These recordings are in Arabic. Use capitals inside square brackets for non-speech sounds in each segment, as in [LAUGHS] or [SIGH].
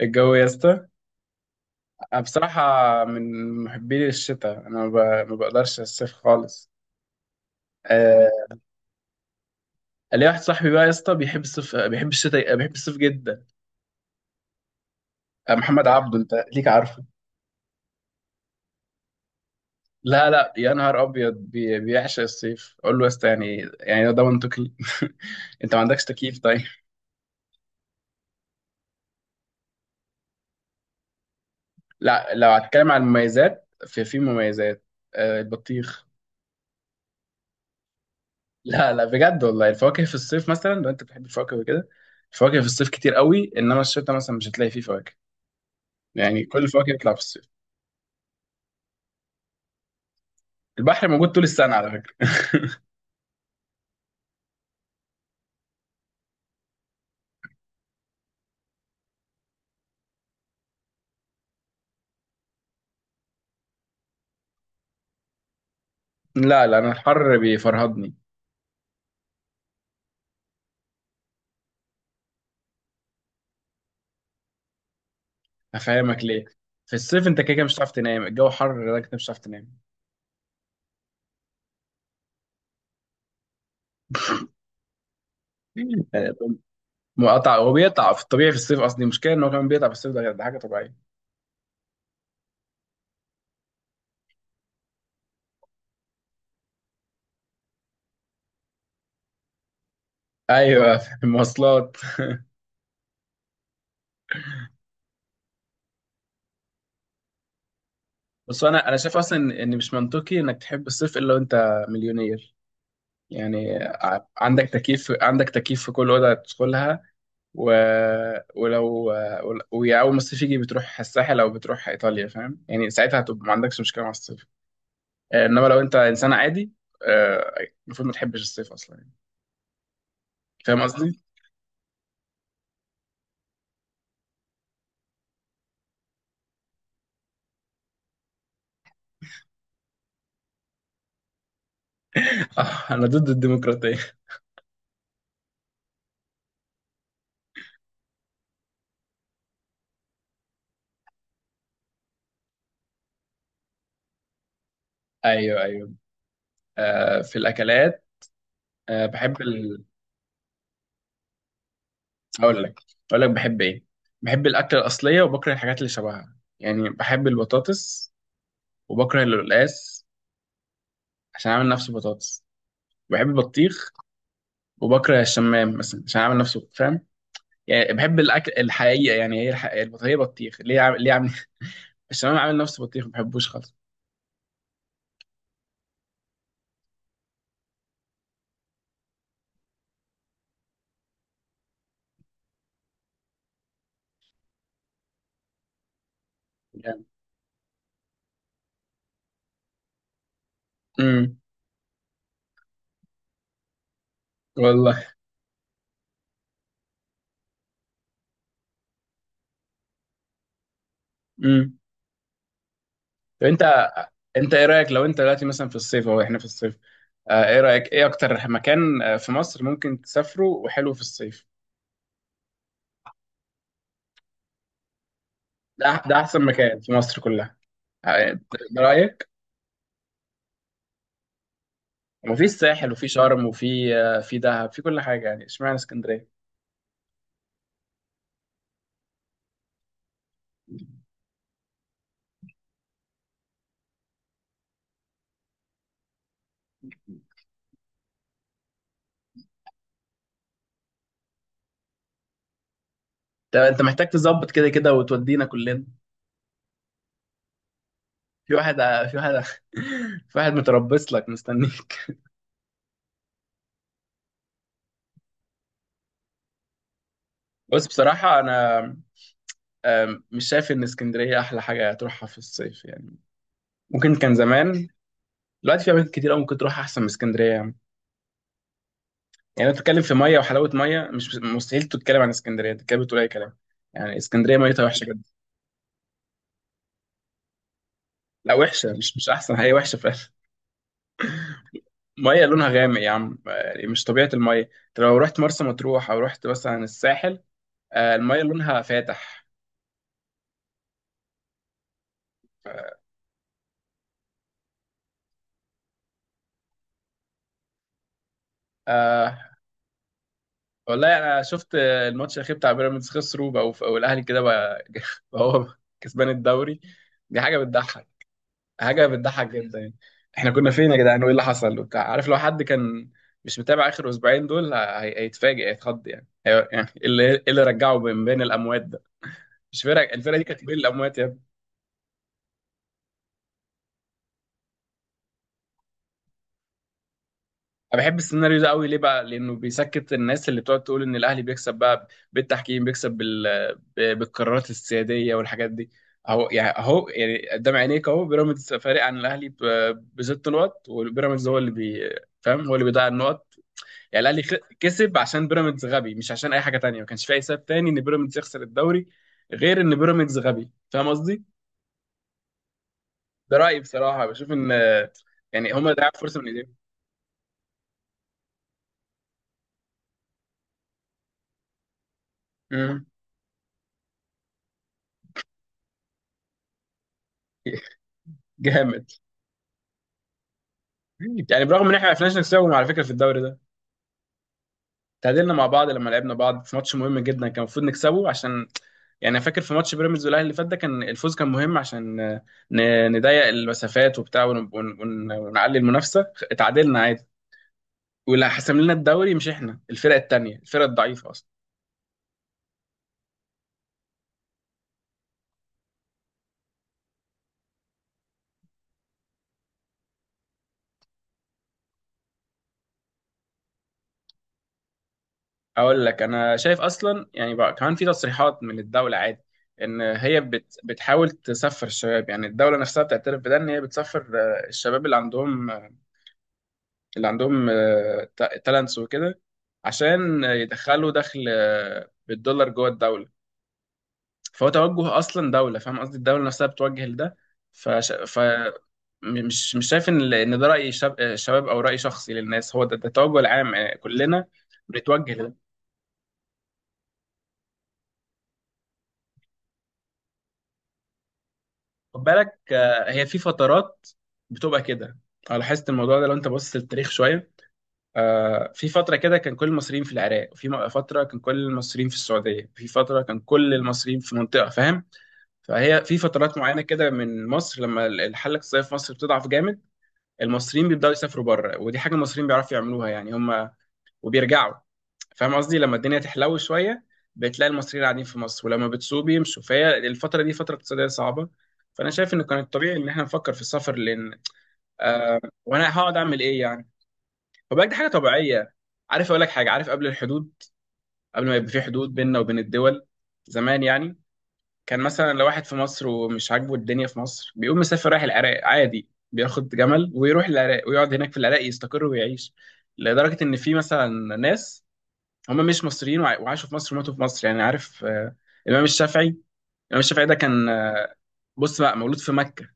الجو يا اسطى. أنا بصراحة من محبين الشتاء. أنا ما بقدرش الصيف خالص. آه. ليا واحد صاحبي بقى يا اسطى بيحب الصيف، بيحب الشتاء، بيحب الصيف جدا. آه، محمد عبده أنت ليك عارفه؟ لا لا يا نهار أبيض، بيعشق الصيف. أقول له يا اسطى يعني ده منطقي؟ [LAUGHS] أنت ما عندكش تكييف طيب؟ لا، لو هتكلم عن المميزات في مميزات. آه، البطيخ. لا لا بجد والله، الفواكه في الصيف. مثلا لو أنت بتحب الفواكه وكده، الفواكه في الصيف كتير قوي. انما الشتاء مثلا مش هتلاقي فيه فواكه. يعني كل الفواكه يطلع في الصيف. البحر موجود طول السنة على فكرة. [LAUGHS] لا لا، أنا الحر بيفرهدني. هفهمك ليه. في الصيف أنت كده كده مش هتعرف تنام. الجو حر لدرجة إنك مش هتعرف تنام. [LAUGHS] آه، مقطع. هو بيقطع في الطبيعي في الصيف أصلا. المشكلة إن هو كمان بيقطع في الصيف. ده حاجة طبيعية. أيوه. [LAUGHS] في المواصلات. بس أنا شايف أصلا إن مش منطقي إنك تحب الصيف إلا وأنت مليونير. يعني عندك تكييف، عندك تكييف في كل أوضة تدخلها. و... ولو ويا اول ما الصيف يجي بتروح الساحل او بتروح ايطاليا. فاهم؟ يعني ساعتها هتبقى ما عندكش مشكله مع الصيف. انما لو انت انسان عادي، آه، المفروض ما تحبش الصيف اصلا يعني. فاهم قصدي؟ [LAUGHS] انا ضد الديمقراطيه. [LAUGHS] ايوه ايوه. في الاكلات. بحب اقول لك. اقول لك بحب ايه؟ بحب الاكله الاصليه وبكره الحاجات اللي شبهها. يعني بحب البطاطس وبكره القلقاس عشان اعمل نفسه بطاطس. بحب البطيخ وبكره الشمام مثلا عشان اعمل نفسه. فاهم؟ يعني بحب الاكل الحقيقه. يعني هي الحقيقة، هي بطيخ، ليه عامل ليه عامل؟ [LAUGHS] الشمام عامل نفسه بطيخ، ما بحبوش خالص يعني. امم والله. امم طب انت ايه رايك لو انت دلوقتي مثلا في الصيف؟ اهو احنا في الصيف. ايه رايك، ايه اكتر مكان في مصر ممكن تسافره وحلو في الصيف؟ ده احسن مكان في مصر كلها. آه، ده رايك. وفي الساحل وفي شرم وفي في دهب. في كل حاجه يعني. اشمعنى اسكندريه؟ ده انت محتاج تظبط كده كده وتودينا كلنا. في واحد في واحد [LAUGHS] في واحد متربص لك مستنيك. بص بصراحة أنا، مش شايف إن اسكندرية أحلى حاجة تروحها في الصيف يعني. ممكن كان زمان. دلوقتي في أماكن كتير أوي ممكن تروح أحسن من اسكندرية يعني. يعني أنت بتتكلم في مية وحلاوة مية، مش مستحيل تتكلم عن اسكندرية. أنت كده بتقول أي كلام. يعني اسكندرية ميتها وحشة جدا. لا وحشة، مش أحسن، هي وحشة فعلا. مية لونها غامق يا عم، يعني مش طبيعة المية. أنت لو رحت مرسى مطروح أو رحت مثلا الساحل، المية لونها فاتح. آه، والله انا شفت الماتش الاخير بتاع بيراميدز. خسروا، بقوا الاهلي كده بقى، [LAUGHS] بقى هو كسبان الدوري. دي حاجه بتضحك. حاجه بتضحك جدا يعني. احنا كنا فين يا جدعان، وايه اللي حصل وبتاع؟ عارف لو حد كان مش متابع اخر اسبوعين دول، هيتفاجئ هيتخض. يعني إيه اللي رجعه من بين الاموات ده؟ مش فرق، الفرقه دي كانت بين الاموات. انا بحب السيناريو ده قوي. ليه بقى؟ لانه بيسكت الناس اللي بتقعد تقول ان الاهلي بيكسب بقى بالتحكيم، بيكسب بالقرارات السياديه والحاجات دي. اهو يعني، اهو يعني قدام عينيك اهو. بيراميدز فارق عن الاهلي ب6 نقط، وبيراميدز هو اللي فاهم، هو اللي بيضيع النقط. يعني الاهلي كسب عشان بيراميدز غبي، مش عشان اي حاجه تانية. ما كانش في اي سبب تاني ان بيراميدز يخسر الدوري غير ان بيراميدز غبي. فاهم قصدي. ده رايي بصراحه، بشوف ان يعني هما ضيعوا فرصه من ايديهم. مم. [LAUGHS] جامد. يعني برغم ان احنا ما عرفناش نكسبهم على فكره في الدوري ده. تعادلنا مع بعض لما لعبنا بعض في ماتش مهم جدا كان المفروض نكسبه. عشان يعني أنا فاكر في ماتش بيراميدز والاهلي اللي فات، ده كان الفوز كان مهم عشان نضيق المسافات وبتاع ونعلي المنافسه. اتعادلنا عادي. واللي حسم لنا الدوري مش احنا، الفرق التانيه الفرق الضعيفه اصلا. اقول لك، انا شايف اصلا يعني بقى كمان في تصريحات من الدوله عادي ان هي بتحاول تسفر الشباب. يعني الدوله نفسها بتعترف بده ان هي بتسفر الشباب اللي عندهم تالنتس وكده عشان يدخلوا دخل بالدولار جوه الدولة. فهو توجه أصلا دولة، فاهم قصدي؟ الدولة نفسها بتوجه لده. فش... ف م- مش مش شايف ان ان ده رأي شاب... آه، شباب او رأي شخصي للناس. هو ده، ده التوجه العام، كلنا بنتوجه لده. خد بالك، هي في فترات بتبقى كده. انا لاحظت الموضوع ده. لو انت بص للتاريخ شوية، في فترة كده كان كل المصريين في العراق، وفي فترة كان كل المصريين في السعودية، في فترة كان كل المصريين في منطقة، فاهم؟ فهي في فترات معينة كده من مصر لما الحالة الاقتصادية في مصر بتضعف جامد، المصريين بيبدأوا يسافروا بره. ودي حاجة المصريين بيعرفوا يعملوها يعني هم، وبيرجعوا. فاهم قصدي؟ لما الدنيا تحلو شوية بتلاقي المصريين قاعدين في مصر، ولما بتسوق بيمشوا. فهي الفترة دي فترة اقتصادية صعبة، فأنا شايف إنه كان الطبيعي إن إحنا نفكر في السفر لأن آه وأنا هقعد أعمل إيه يعني؟ وبقى دي حاجه طبيعيه. عارف، اقول لك حاجه. عارف قبل الحدود، قبل ما يبقى في حدود بيننا وبين الدول زمان يعني، كان مثلا لو واحد في مصر ومش عاجبه الدنيا في مصر بيقوم مسافر رايح العراق عادي، بياخد جمل ويروح العراق ويقعد هناك في العراق يستقر ويعيش. لدرجه ان في مثلا ناس هم مش مصريين، وعاشوا في مصر وماتوا في مصر. يعني عارف، الامام الشافعي. الامام الشافعي ده كان، بص بقى، مولود في مكه،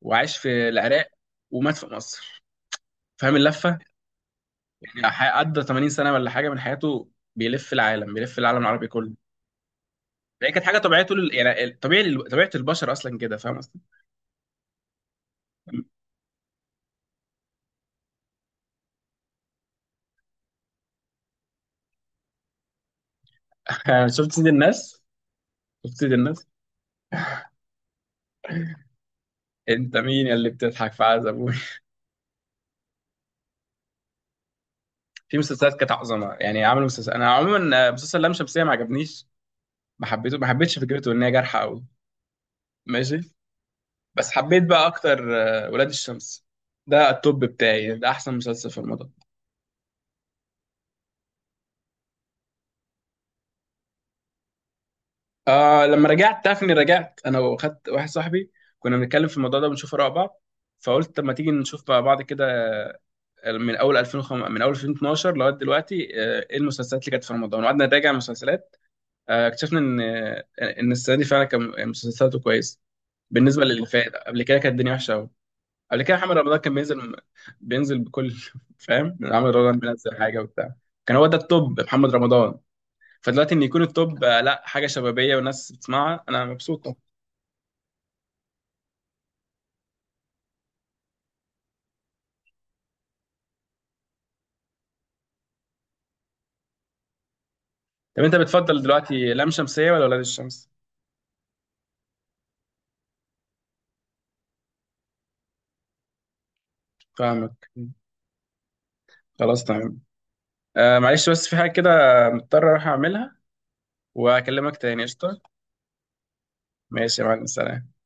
وعاش في العراق، ومات في مصر. فاهم اللفه؟ يعني قضى 80 سنه ولا حاجه من حياته بيلف العالم، بيلف العالم العربي كله. هي كانت حاجه طبيعيه طول يعني طبيعي طبيعه البشر اصلا كده. فاهم قصدي؟ [LAUGHS] شفت سيد الناس؟ شفت سيد الناس؟ انت مين يا اللي بتضحك في عز ابوي؟ [LAUGHS] في مسلسلات كانت عظمه يعني. عملوا مسلسل، انا عموما مسلسل لام شمسيه ما عجبنيش. ما حبيتش فكرته، ان هي جارحه قوي. ماشي. بس حبيت بقى اكتر ولاد الشمس. ده التوب بتاعي، ده احسن مسلسل في رمضان. آه، لما رجعت تعرف اني رجعت، انا واخدت واحد صاحبي كنا بنتكلم في الموضوع ده، بنشوف اراء بعض. فقلت طب ما تيجي نشوف بقى بعض كده من اول 2005، من اول 2012 لغايه دلوقتي. ايه المسلسلات اللي كانت في رمضان، وقعدنا نراجع المسلسلات. اكتشفنا ان السنه دي فعلا كان مسلسلاته كويسه. بالنسبه للي فات قبل كده كانت الدنيا وحشه قوي. قبل كده محمد رمضان كان بينزل، بينزل بكل [LAUGHS] فاهم؟ محمد رمضان بينزل حاجه وبتاع، كان هو ده التوب محمد رمضان. فدلوقتي ان يكون التوب لا، حاجه شبابيه والناس بتسمعها، انا مبسوط. طب انت بتفضل دلوقتي لام شمسيه ولا ولاد الشمس؟ فاهمك. خلاص تمام. آه معلش، بس في حاجه كده مضطر اروح اعملها، واكلمك تاني قشطه. ماشي يا معلم، سلام.